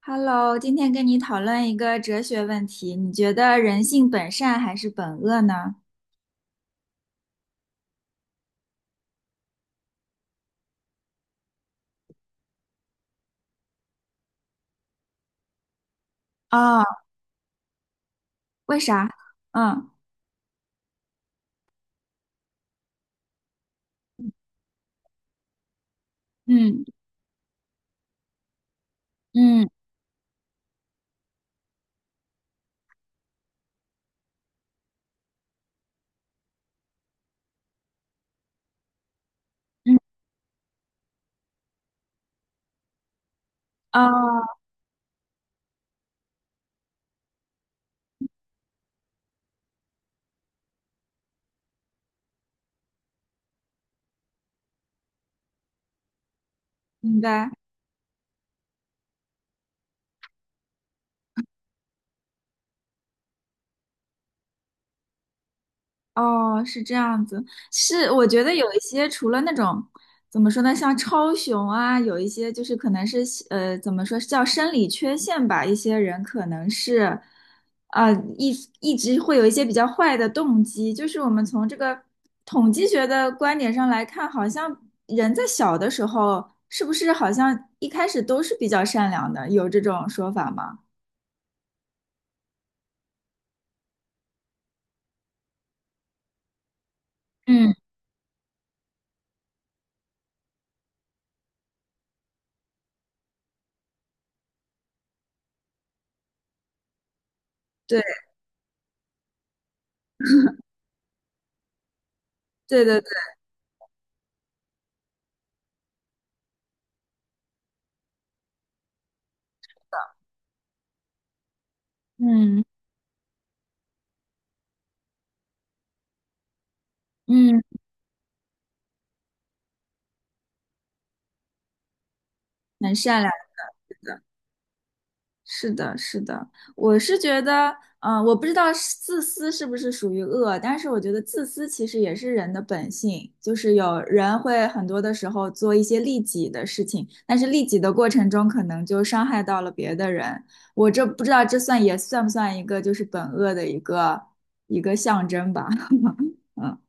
Hello,今天跟你讨论一个哲学问题，你觉得人性本善还是本恶呢？啊，为啥？嗯嗯嗯嗯，啊，明白。哦，是这样子，是我觉得有一些除了那种怎么说呢，像超雄啊，有一些就是可能是怎么说叫生理缺陷吧，一些人可能是呃一一直会有一些比较坏的动机，就是我们从这个统计学的观点上来看，好像人在小的时候是不是好像一开始都是比较善良的，有这种说法吗？嗯，对对对对，嗯嗯，很善良的。是的，是的，我是觉得，嗯、我不知道是自私是不是属于恶，但是我觉得自私其实也是人的本性，就是有人会很多的时候做一些利己的事情，但是利己的过程中可能就伤害到了别的人。我这不知道这算也算不算一个就是本恶的一个一个象征吧？嗯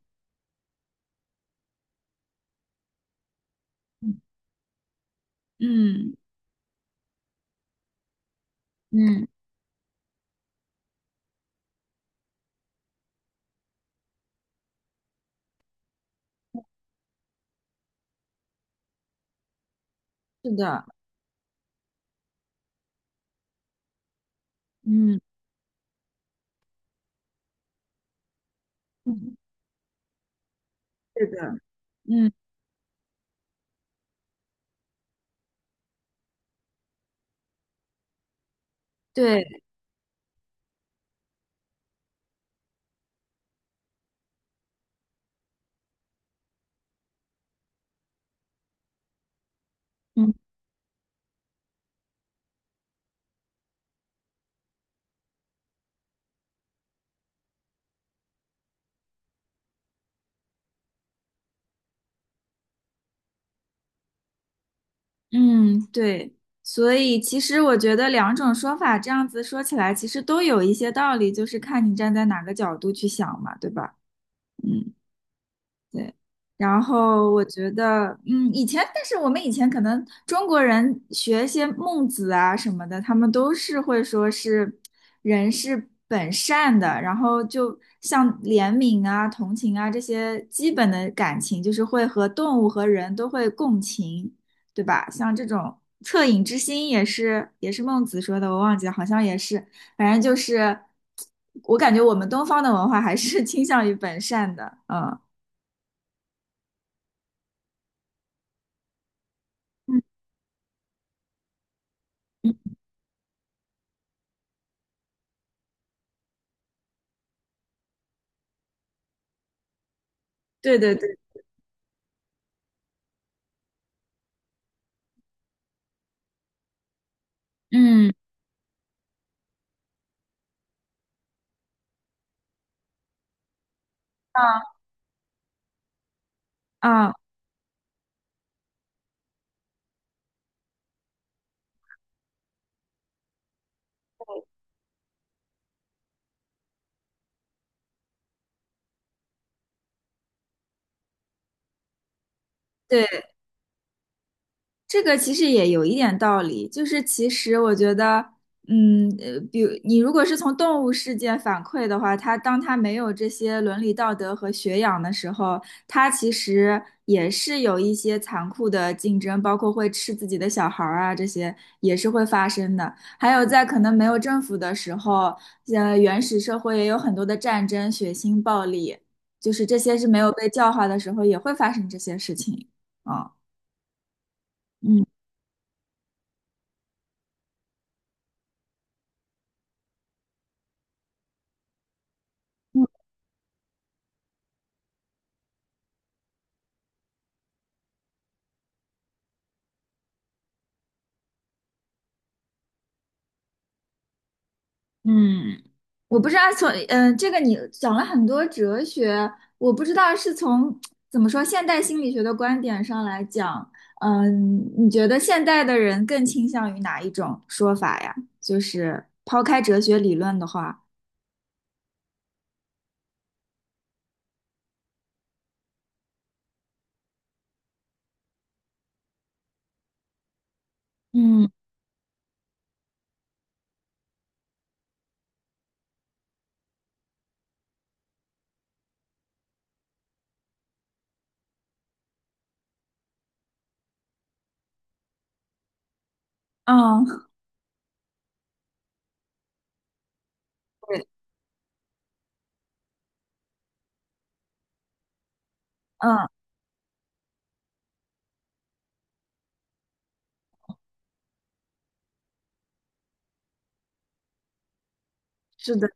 嗯嗯嗯是的，嗯，嗯，是的，嗯，对，嗯。嗯，对，所以其实我觉得两种说法这样子说起来，其实都有一些道理，就是看你站在哪个角度去想嘛，对吧？嗯。对，然后我觉得，嗯，以前，但是我们以前可能中国人学一些孟子啊什么的，他们都是会说是人是本善的，然后就像怜悯啊、同情啊这些基本的感情，就是会和动物和人都会共情，对吧？像这种恻隐之心也是孟子说的，我忘记了，好像也是，反正就是，我感觉我们东方的文化还是 倾向于本善的，嗯。嗯对对对，嗯啊啊，对，这个其实也有一点道理，就是其实我觉得，嗯，比如你如果是从动物世界反馈的话，它当它没有这些伦理道德和学养的时候，它其实也是有一些残酷的竞争，包括会吃自己的小孩儿啊，这些也是会发生的。还有在可能没有政府的时候，原始社会也有很多的战争、血腥、暴力，就是这些是没有被教化的时候也会发生这些事情啊，嗯。嗯，我不知道从嗯、这个你讲了很多哲学，我不知道是从怎么说现代心理学的观点上来讲，嗯、你觉得现代的人更倾向于哪一种说法呀？就是抛开哲学理论的话，嗯嗯，对，嗯，是的。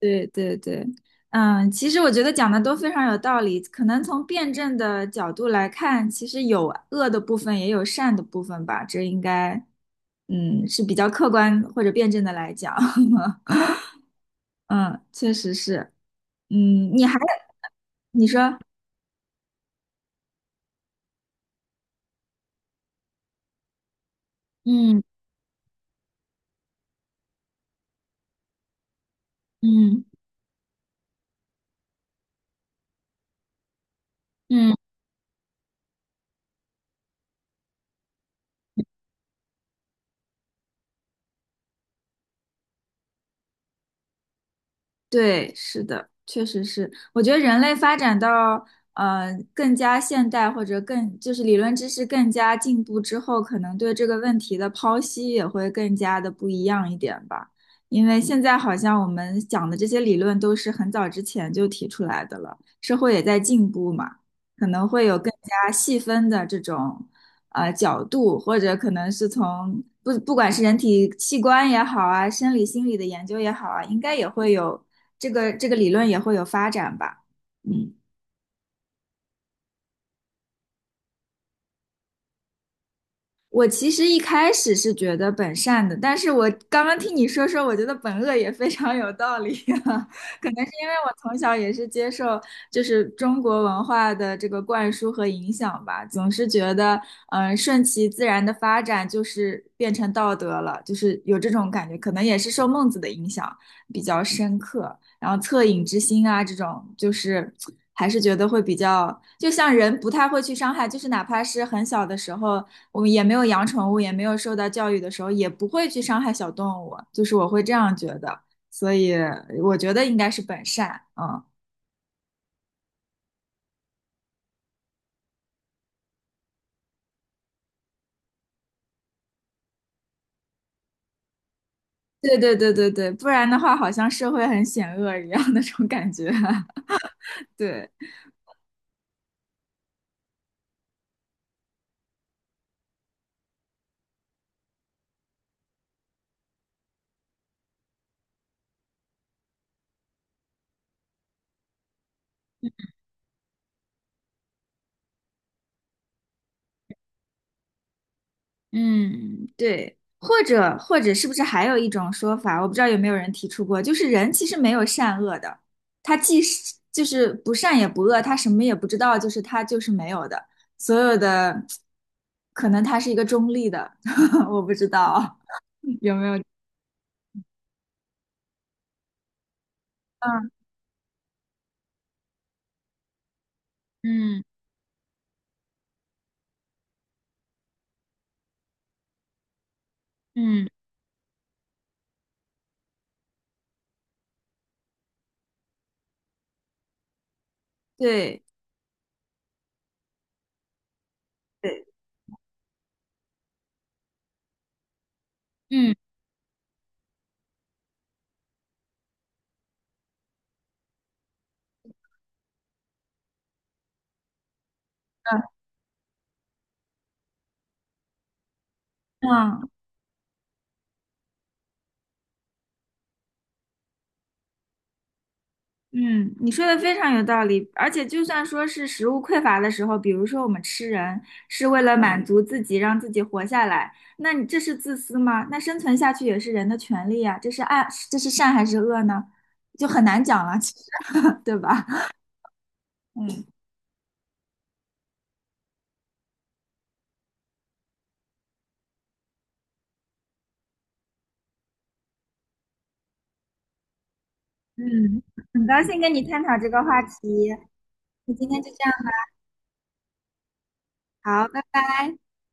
对对对，嗯，其实我觉得讲的都非常有道理。可能从辩证的角度来看，其实有恶的部分，也有善的部分吧。这应该，嗯，是比较客观或者辩证的来讲。嗯，确实是。嗯，你还，你说，嗯嗯嗯。对，是的，确实是。我觉得人类发展到更加现代或者更就是理论知识更加进步之后，可能对这个问题的剖析也会更加的不一样一点吧。因为现在好像我们讲的这些理论都是很早之前就提出来的了，社会也在进步嘛。可能会有更加细分的这种角度，或者可能是从不管是人体器官也好啊，生理心理的研究也好啊，应该也会有这个理论也会有发展吧。嗯。我其实一开始是觉得本善的，但是我刚刚听你说说，我觉得本恶也非常有道理啊。可能是因为我从小也是接受就是中国文化的这个灌输和影响吧，总是觉得嗯、顺其自然的发展就是变成道德了，就是有这种感觉。可能也是受孟子的影响比较深刻，然后恻隐之心啊这种就是。还是觉得会比较，就像人不太会去伤害，就是哪怕是很小的时候，我们也没有养宠物，也没有受到教育的时候，也不会去伤害小动物，就是我会这样觉得，所以我觉得应该是本善，嗯，对对对对对，不然的话好像社会很险恶一样那种感觉，对。嗯，对，或者是不是还有一种说法，我不知道有没有人提出过，就是人其实没有善恶的，他既是就是不善也不恶，他什么也不知道，就是他就是没有的，所有的可能他是一个中立的，我不知道有没有。嗯嗯嗯，对对，嗯嗯嗯。嗯，你说的非常有道理，而且就算说是食物匮乏的时候，比如说我们吃人是为了满足自己，让自己活下来，那你这是自私吗？那生存下去也是人的权利呀，这是爱，这是善还是恶呢？就很难讲了，其实，对吧？嗯嗯，很高兴跟你探讨这个话题，那今天就这样，好，拜拜。